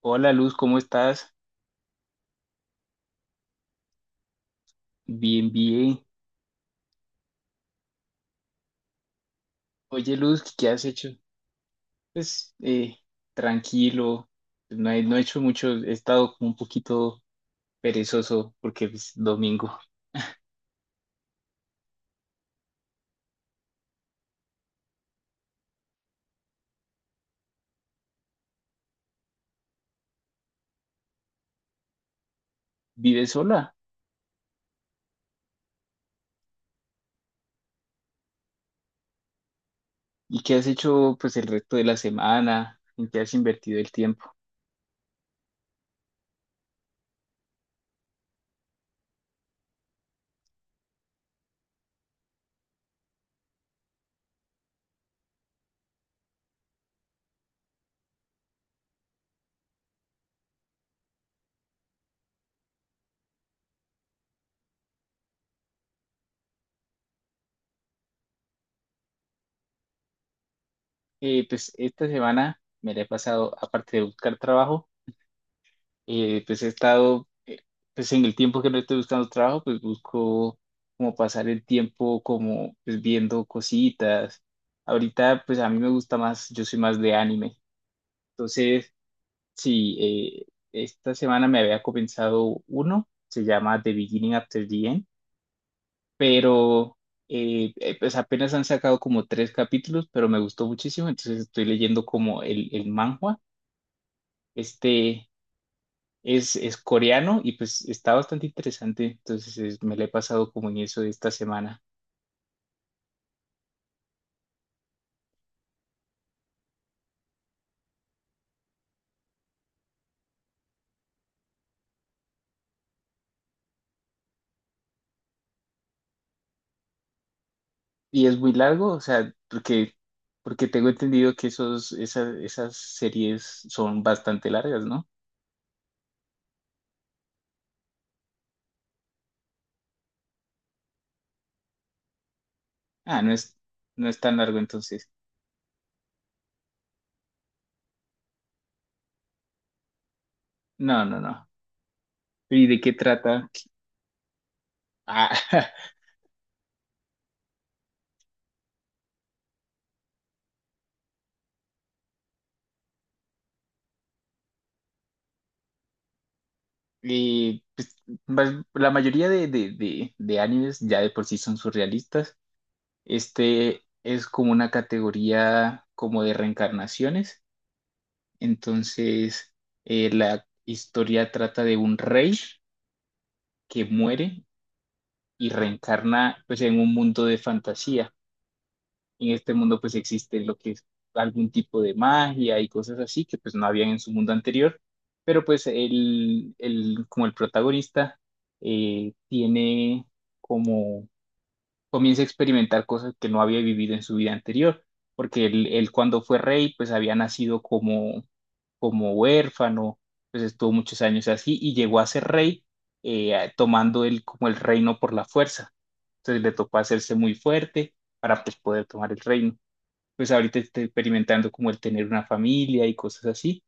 Hola Luz, ¿cómo estás? Bien, bien. Oye Luz, ¿qué has hecho? Pues tranquilo, no he hecho mucho, he estado como un poquito perezoso porque es domingo. ¿Vives sola? ¿Y qué has hecho pues el resto de la semana? ¿En qué has invertido el tiempo? Pues esta semana me la he pasado, aparte de buscar trabajo. Pues he estado, pues en el tiempo que no estoy buscando trabajo, pues busco como pasar el tiempo como pues viendo cositas. Ahorita pues a mí me gusta más, yo soy más de anime. Entonces sí, esta semana me había comenzado uno, se llama The Beginning After the End, pero pues apenas han sacado como tres capítulos, pero me gustó muchísimo, entonces estoy leyendo como el manhwa. Este... es coreano y pues está bastante interesante. Entonces me la he pasado como en eso esta semana. Y es muy largo, o sea, porque, porque tengo entendido que esos, esas, esas series son bastante largas, ¿no? Ah, no es tan largo entonces. No, no, no. ¿Y de qué trata? Ah, y pues, la mayoría de, de animes ya de por sí son surrealistas. Este es como una categoría como de reencarnaciones. Entonces, la historia trata de un rey que muere y reencarna pues en un mundo de fantasía. En este mundo pues existe lo que es algún tipo de magia y cosas así que pues no habían en su mundo anterior, pero pues como el protagonista tiene como, comienza a experimentar cosas que no había vivido en su vida anterior, porque él cuando fue rey, pues había nacido como, como huérfano, pues estuvo muchos años así y llegó a ser rey, tomando él como el reino por la fuerza. Entonces le tocó hacerse muy fuerte para, pues, poder tomar el reino. Pues ahorita está experimentando como el tener una familia y cosas así,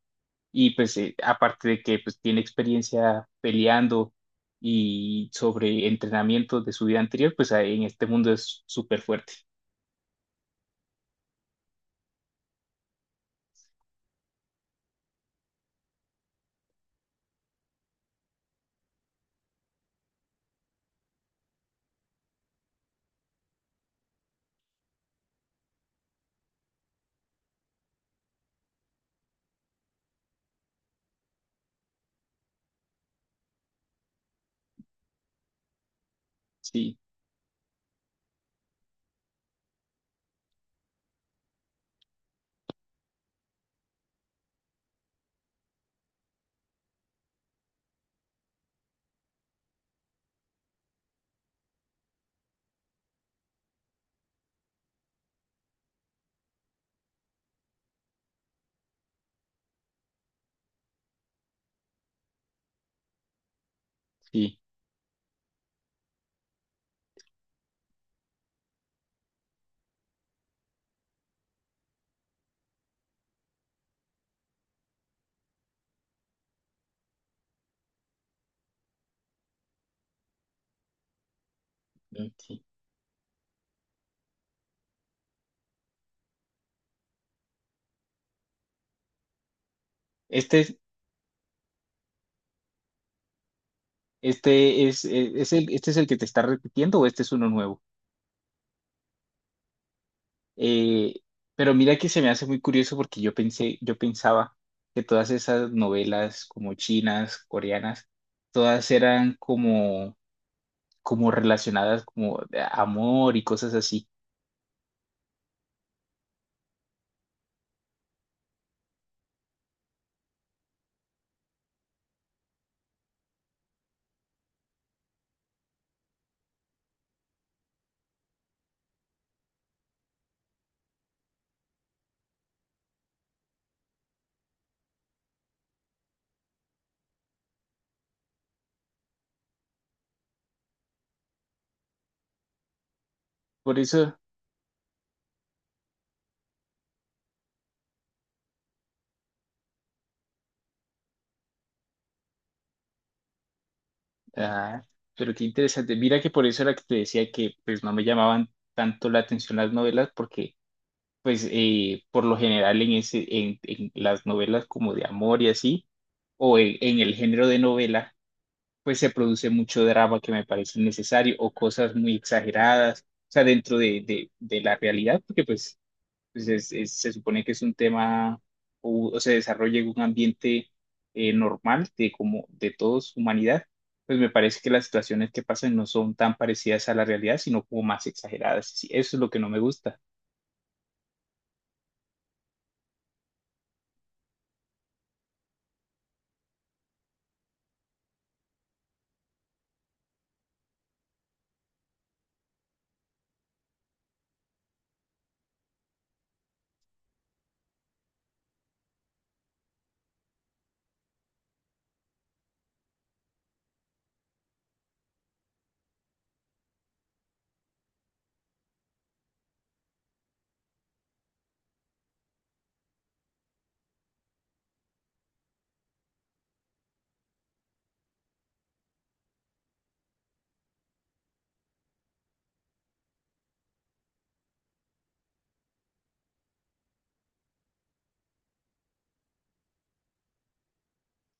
y pues aparte de que pues tiene experiencia peleando y sobre entrenamiento de su vida anterior, pues ahí en este mundo es súper fuerte. Sí, sí, mm, sí. Este, es- este es el, este es el que te está repitiendo o este es uno nuevo. Eh, pero mira que se me hace muy curioso porque yo pensé, yo pensaba que todas esas novelas como chinas, coreanas, todas eran como, como relacionadas como de amor y cosas así. Por eso. Ah, pero qué interesante. Mira que por eso era que te decía que pues no me llamaban tanto la atención las novelas, porque pues por lo general en en las novelas como de amor y así, en el género de novela pues se produce mucho drama que me parece innecesario o cosas muy exageradas, o sea, dentro de la realidad, porque pues pues se supone que es un tema o se desarrolla en un ambiente normal de como de todos humanidad, pues me parece que las situaciones que pasan no son tan parecidas a la realidad, sino como más exageradas. Sí, eso es lo que no me gusta.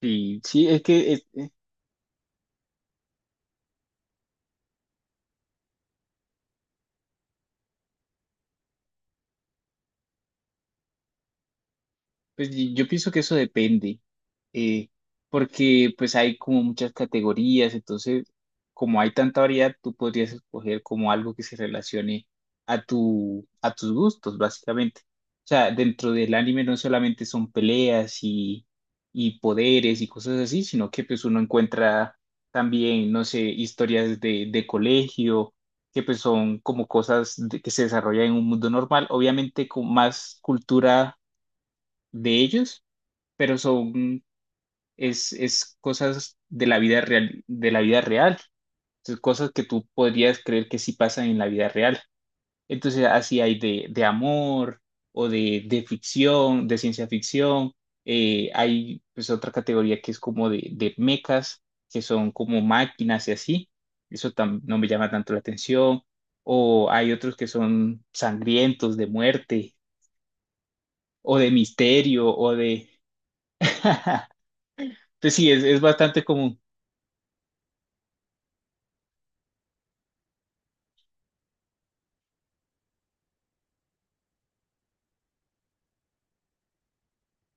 Y sí, es que pues yo pienso que eso depende, eh, porque pues hay como muchas categorías, entonces como hay tanta variedad, tú podrías escoger como algo que se relacione a tu, a tus gustos, básicamente. O sea, dentro del anime no solamente son peleas y poderes y cosas así, sino que pues uno encuentra también, no sé, historias de colegio, que pues son como cosas que se desarrollan en un mundo normal, obviamente con más cultura de ellos, pero son, es cosas de la vida real, de la vida real. Entonces, cosas que tú podrías creer que sí pasan en la vida real. Entonces, así hay de amor o de ficción, de ciencia ficción. Hay pues otra categoría que es como de mecas, que son como máquinas y así. Eso no me llama tanto la atención. O hay otros que son sangrientos, de muerte, o de misterio, o de... Entonces sí, es bastante común.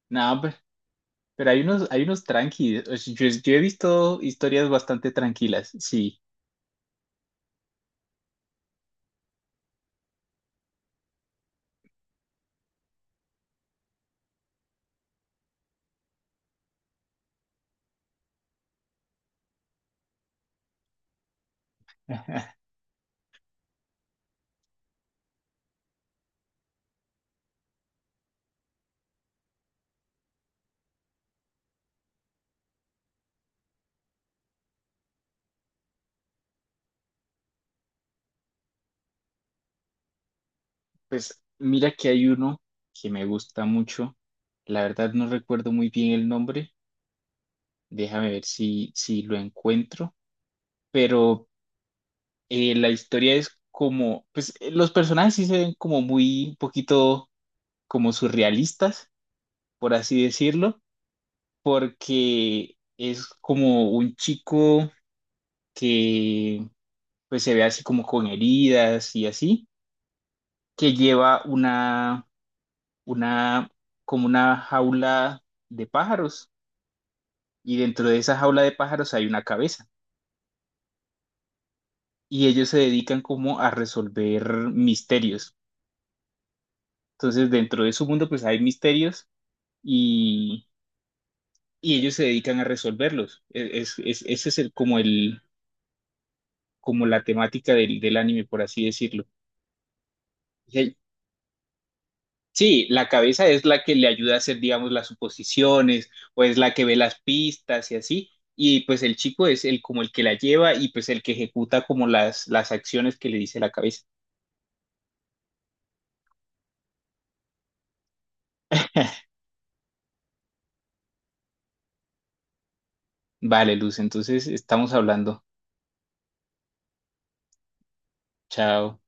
No, pero hay unos tranquilos. Yo he visto historias bastante tranquilas. Sí, pues mira que hay uno que me gusta mucho. La verdad no recuerdo muy bien el nombre. Déjame ver si, si lo encuentro. Pero la historia es como, pues los personajes sí se ven como muy, un poquito como surrealistas, por así decirlo, porque es como un chico que pues se ve así como con heridas y así, que lleva una, como una jaula de pájaros, y dentro de esa jaula de pájaros hay una cabeza y ellos se dedican como a resolver misterios. Entonces dentro de su mundo pues hay misterios y, y ellos se dedican a resolverlos. Es, ese es el, como la temática del, del anime, por así decirlo. Sí, la cabeza es la que le ayuda a hacer, digamos, las suposiciones o es la que ve las pistas y así. Y pues el chico es el como el que la lleva y pues el que ejecuta como las acciones que le dice la cabeza. Vale, Luz, entonces estamos hablando. Chao.